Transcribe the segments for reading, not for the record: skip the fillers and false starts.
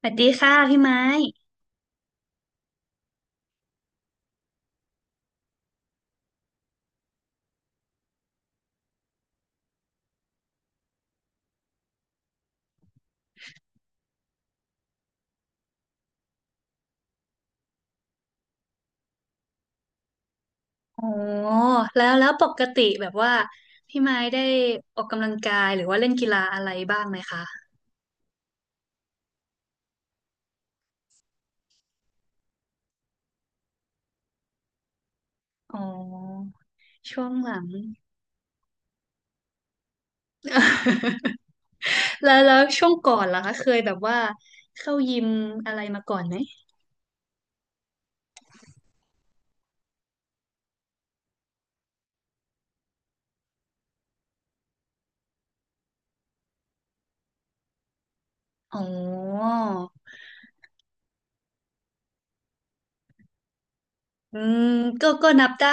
สวัสดีค่ะพี่ไม้โอ้แล้วปกติแบบว่าพี่ไม้ได้ออกกำลังกายหรือว่าเล่นกีฬาอะไรบ้างไหมคะอ๋อช่วงหลัง แล้วช่วงก่อนล่ะคะเคยแบบว่าเข้ายิมอะไรมาก่อนไหมอ๋ออืมก็นับได้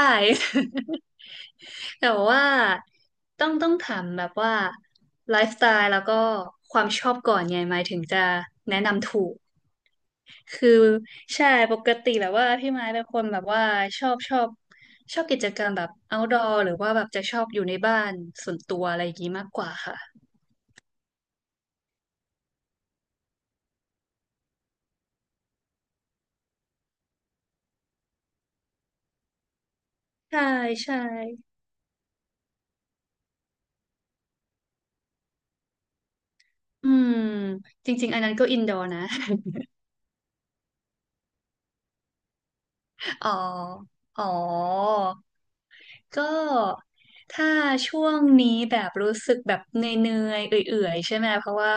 แต่ว่าต้องถามแบบว่าไลฟ์สไตล์แล้วก็ความชอบก่อนไงหมายถึงจะแนะนำถูก คือใช่ปกติแบบว่าพี่ไม้เป็นคนแบบว่าชอบชอบกิจกรรมแบบ outdoor หรือว่าแบบจะชอบอยู่ในบ้านส่วนตัวอะไรอย่างงี้มากกว่าค่ะใช่ใช่อืมจริงๆอันนั้นก็ indoor นะ อ๋ออ๋อก็ถ้าช่วงนี้แบบรู้สึกแบบเหนื่อยๆเอื่อยๆใช่ไหมเพราะว่า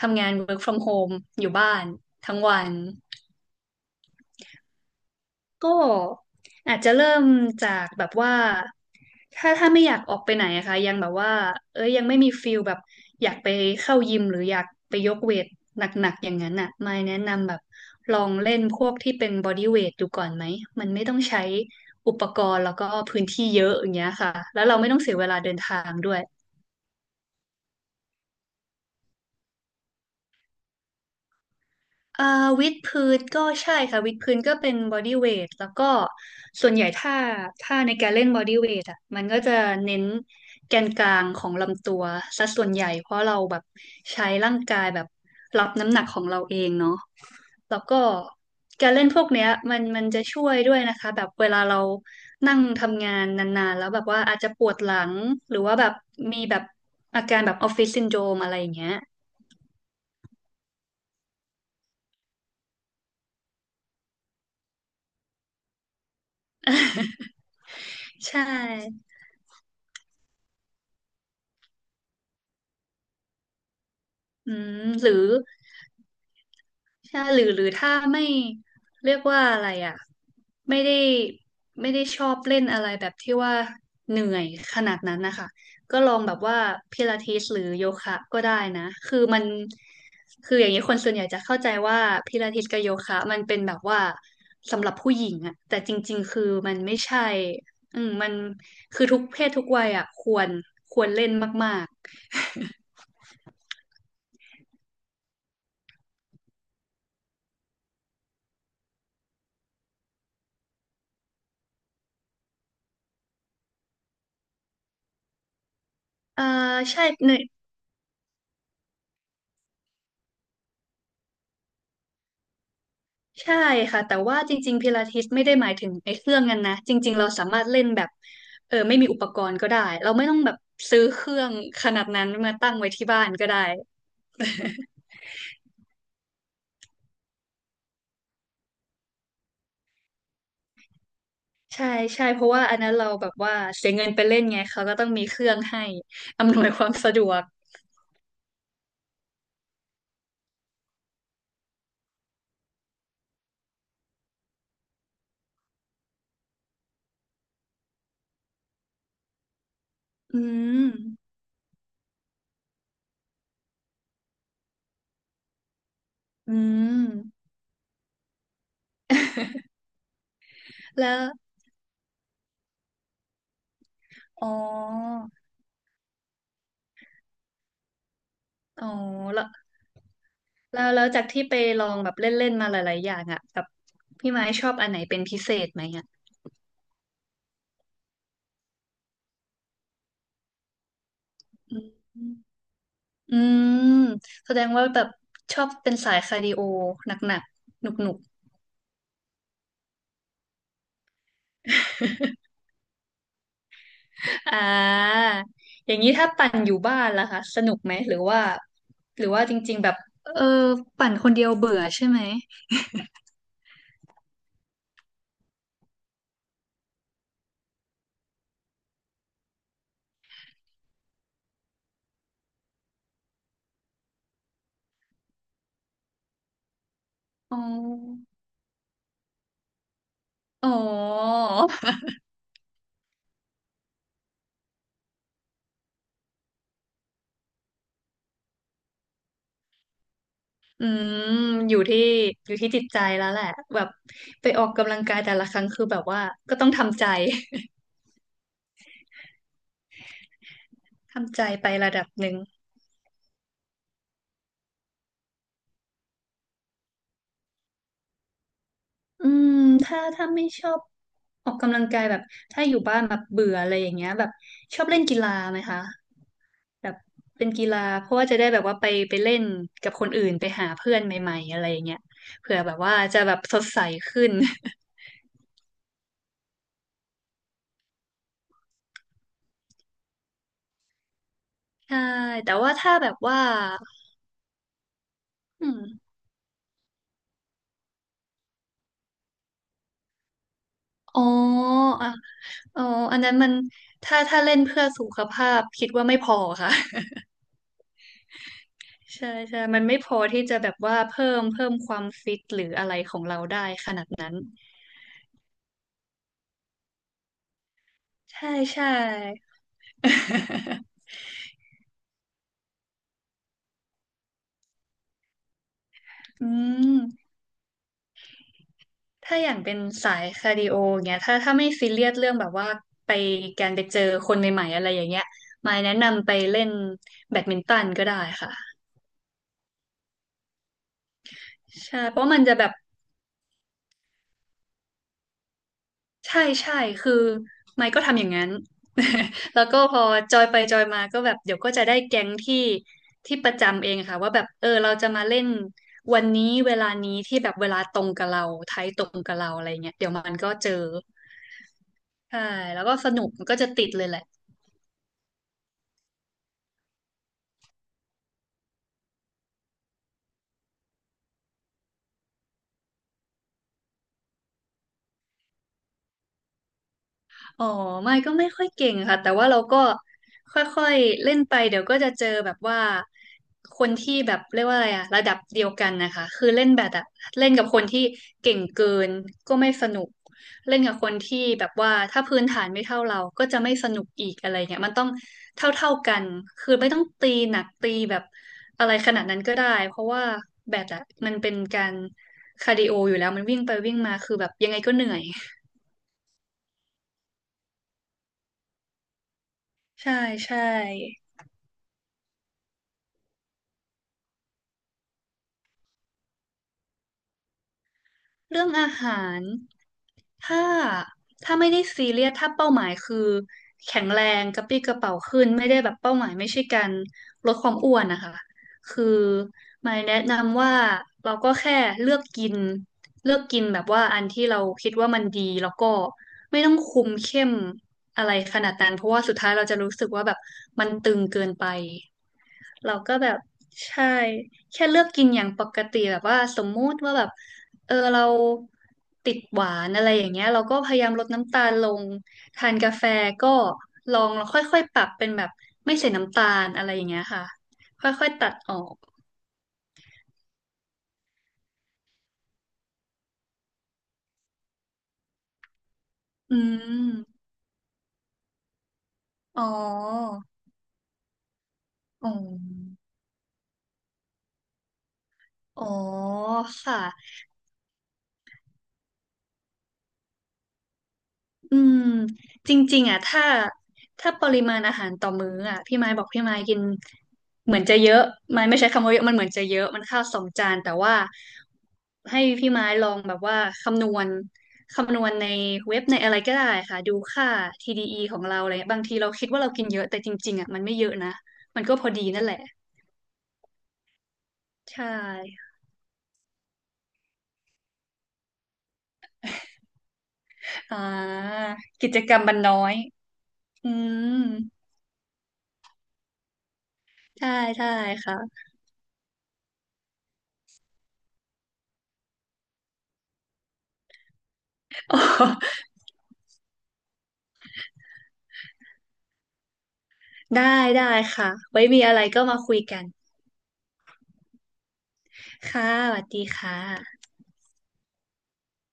ทำงาน work from home อยู่บ้านทั้งวัน ก็อาจจะเริ่มจากแบบว่า ถ้าไม่อยากออกไปไหนอะค่ะยังแบบว่าเอ้ยยังไม่มีฟิลแบบอยากไปเข้ายิมหรืออยากไปยกเวทหนักๆอย่างนั้นอะไม่แนะนำแบบลองเล่นพวกที่เป็นบอดี้เวทดูก่อนไหม มันไม่ต้องใช้อุปกรณ์แล้วก็พื้นที่เยอะอย่างเงี้ยค่ะ แล้วเราไม่ต้องเสียเวลาเดินทางด้วย เอ่อวิดพื้นก็ใช่ค่ะวิดพื้นก็เป็นบอดี้เวทแล้วก็ส่วนใหญ่ถ้าในการเล่นบอดี้เวทอ่ะมันก็จะเน้นแกนกลางของลำตัวซะส่วนใหญ่เพราะเราแบบใช้ร่างกายแบบรับน้ำหนักของเราเองเนาะแล้วก็การเล่นพวกเนี้ยมันจะช่วยด้วยนะคะแบบเวลาเรานั่งทำงานนานๆแล้วแบบว่าอาจจะปวดหลังหรือว่าแบบมีแบบอาการแบบออฟฟิศซินโดรมอะไรอย่างเงี้ย ใช่อืมหรือ ใช่หรือถ้าไม่เรียกว่าอะไรอ่ะไม่ได้ไม่ได้ชอบเล่นอะไรแบบที่ว่าเหนื่อยขนาดนั้นนะคะก็ลองแบบว่าพิลาทิสหรือโยคะก็ได้นะคือมันคืออย่างนี้คนส่วนใหญ่จะเข้าใจว่าพิลาทิสกับโยคะมันเป็นแบบว่าสำหรับผู้หญิงอะแต่จริงๆคือมันไม่ใช่อืมมันคือทุกเพศทุกวัยอะควรเล่นมากๆใช่ ใช่ค่ะแต่ว่าจริงๆ พิลาทิสไม่ได้หมายถึงไอ้เครื่องนั้นนะจริงๆเราสามารถเล่นแบบไม่มีอุปกรณ์ก็ได้เราไม่ต้องแบบซื้อเครื่องขนาดนั้นมาตั้งไว้ที่บ้านก็ได้ ใช่ใช่เพราะว่าอันนั้นเราแบบว่าเสียเงินไปเล่นไงเขาก็ต้องมีเครื่องให้อำนวยความสะดวกอืมอืม แล้วอ๋ออ๋อแล้วแล้วจากที่ไปลองแบบเล่นๆมาหลายๆอย่างอ่ะแบบพี่ไม้ชอบอันไหนเป็นพิเศษไหมอ่ะอืม อืมแสดงว่าแบบชอบเป็นสายคาร์ดิโอหนักๆหนุกๆ อ่าอย่างนี้ถ้าปั่นอยู่บ้านล่ะคะสนุกไหมหรือว่าหรือว่าจริงๆแบบเออปั่นคนเดียวเบื่อใช่ไหมอ๋ออ๋ออืมอยู่ที่อยู่ที่จิตใจแล้วแหละแบบไปออกกำลังกายแต่ละครั้งคือแบบว่าก็ต้องทำใจ ทำใจไประดับหนึ่ง อืมถ้าไม่ชอบออกกำลังกายแบบถ้าอยู่บ้านแบบเบื่ออะไรอย่างเงี้ยแบบชอบเล่นกีฬาไหมคะแบบเป็นกีฬาเพราะว่าจะได้แบบว่าไปเล่นกับคนอื่นไปหาเพื่อนใหม่ๆอะไรอย่างเงี้ยเผื่อแบบว่าจะแบบสดใสขึ้น ใช่แต่ว่าถ้าแบบว่าอืมอ๋ออ่ะอ๋ออันนั้นมันถ้าเล่นเพื่อสุขภาพคิดว่าไม่พอค่ะ ใช่ใช่มันไม่พอที่จะแบบว่าเพิ่มความฟิตหรืออะไรของเราได้ขนาดนั้นใช่ใช่ อืมถ้าอย่างเป็นสายคาร์ดิโอเงี้ยถ้าไม่ซีเรียสเรื่องแบบว่าไปการไปเจอคนใหม่ๆอะไรอย่างเงี้ยมายแนะนำไปเล่นแบดมินตันก็ได้ค่ะใช่เพราะมันจะแบบ ใช่ใช่คือไมค์ก็ทำอย่างนั้น แล้วก็พอจอยไปจอยมาก็แบบเดี๋ยวก็จะได้แก๊งที่ที่ประจำเองค่ะว่าแบบเออเราจะมาเล่นวันนี้เวลานี้ที่แบบเวลาตรงกับเราไทยตรงกับเราอะไรเงี้ยเดี๋ยวมันก็เจอใช่แล้วก็สนุกมันก็จะติดเลยแหละ อ๋อไม่ก็ไม่ค่อยเก่งค่ะแต่ว่าเราก็ค่อยๆเล่นไปเดี๋ยวก็จะเจอแบบว่าคนที่แบบเรียกว่าอะไรอะระดับเดียวกันนะคะคือเล่นแบดอะเล่นกับคนที่เก่งเกินก็ไม่สนุกเล่นกับคนที่แบบว่าถ้าพื้นฐานไม่เท่าเราก็จะไม่สนุกอีกอะไรเงี้ยมันต้องเท่าๆกันคือไม่ต้องตีหนักตีแบบอะไรขนาดนั้นก็ได้เพราะว่าแบดอะมันเป็นการคาร์ดิโออยู่แล้วมันวิ่งไปวิ่งมาคือแบบยังไงก็เหนื่อยใช่ใช่ เรื่องอาหารถ้าถ้าไม่ได้ซีเรียสถ้าเป้าหมายคือแข็งแรงกระปรี้กระเป๋าขึ้นไม่ได้แบบเป้าหมายไม่ใช่การลดความอ้วนนะคะคือหมายแนะนำว่าเราก็แค่เลือกกินเลือกกินแบบว่าอันที่เราคิดว่ามันดีแล้วก็ไม่ต้องคุมเข้มอะไรขนาดนั้นเพราะว่าสุดท้ายเราจะรู้สึกว่าแบบมันตึงเกินไปเราก็แบบใช่ แค่เลือกกินอย่างปกติแบบว่าสมมุติว่าแบบเราติดหวานอะไรอย่างเงี้ยเราก็พยายามลดน้ำตาลลงทานกาแฟก็ลองค่อยๆปรับเป็นแบบไม่ใส่น้ำตาลอะไรอย่างเงี้ยค่ะค่อยๆตัดออกอืมอ๋ออ๋ออ๋อค่ะ อืมจริงๆอ่ะถ้าปริมาณอาหารต่อมื้ออ่ะพี่ไม้บอกพี่ไม้กินเหมือนจะเยอะไม้ไม่ใช้คำว่าเยอะมันเหมือนจะเยอะมันข้าวสองจานแต่ว่าให้พี่ไม้ลองแบบว่าคำนวณคำนวณในเว็บในอะไรก็ได้ค่ะดูค่า TDE ของเราอะไรเงี้ยบางทีเราคิดว่าเรากินเยอะแต่จริงๆอ่ะมันไม่เยอะนะมันก็พอดีนั่นแหละใช่อ่ากิจกรรมมันน้อยอืมใช่ใช่ค่ะ ได้ได้ค่ะไว้มีอะไรก็มาคุยกันค่ะสวัสดีค่ะ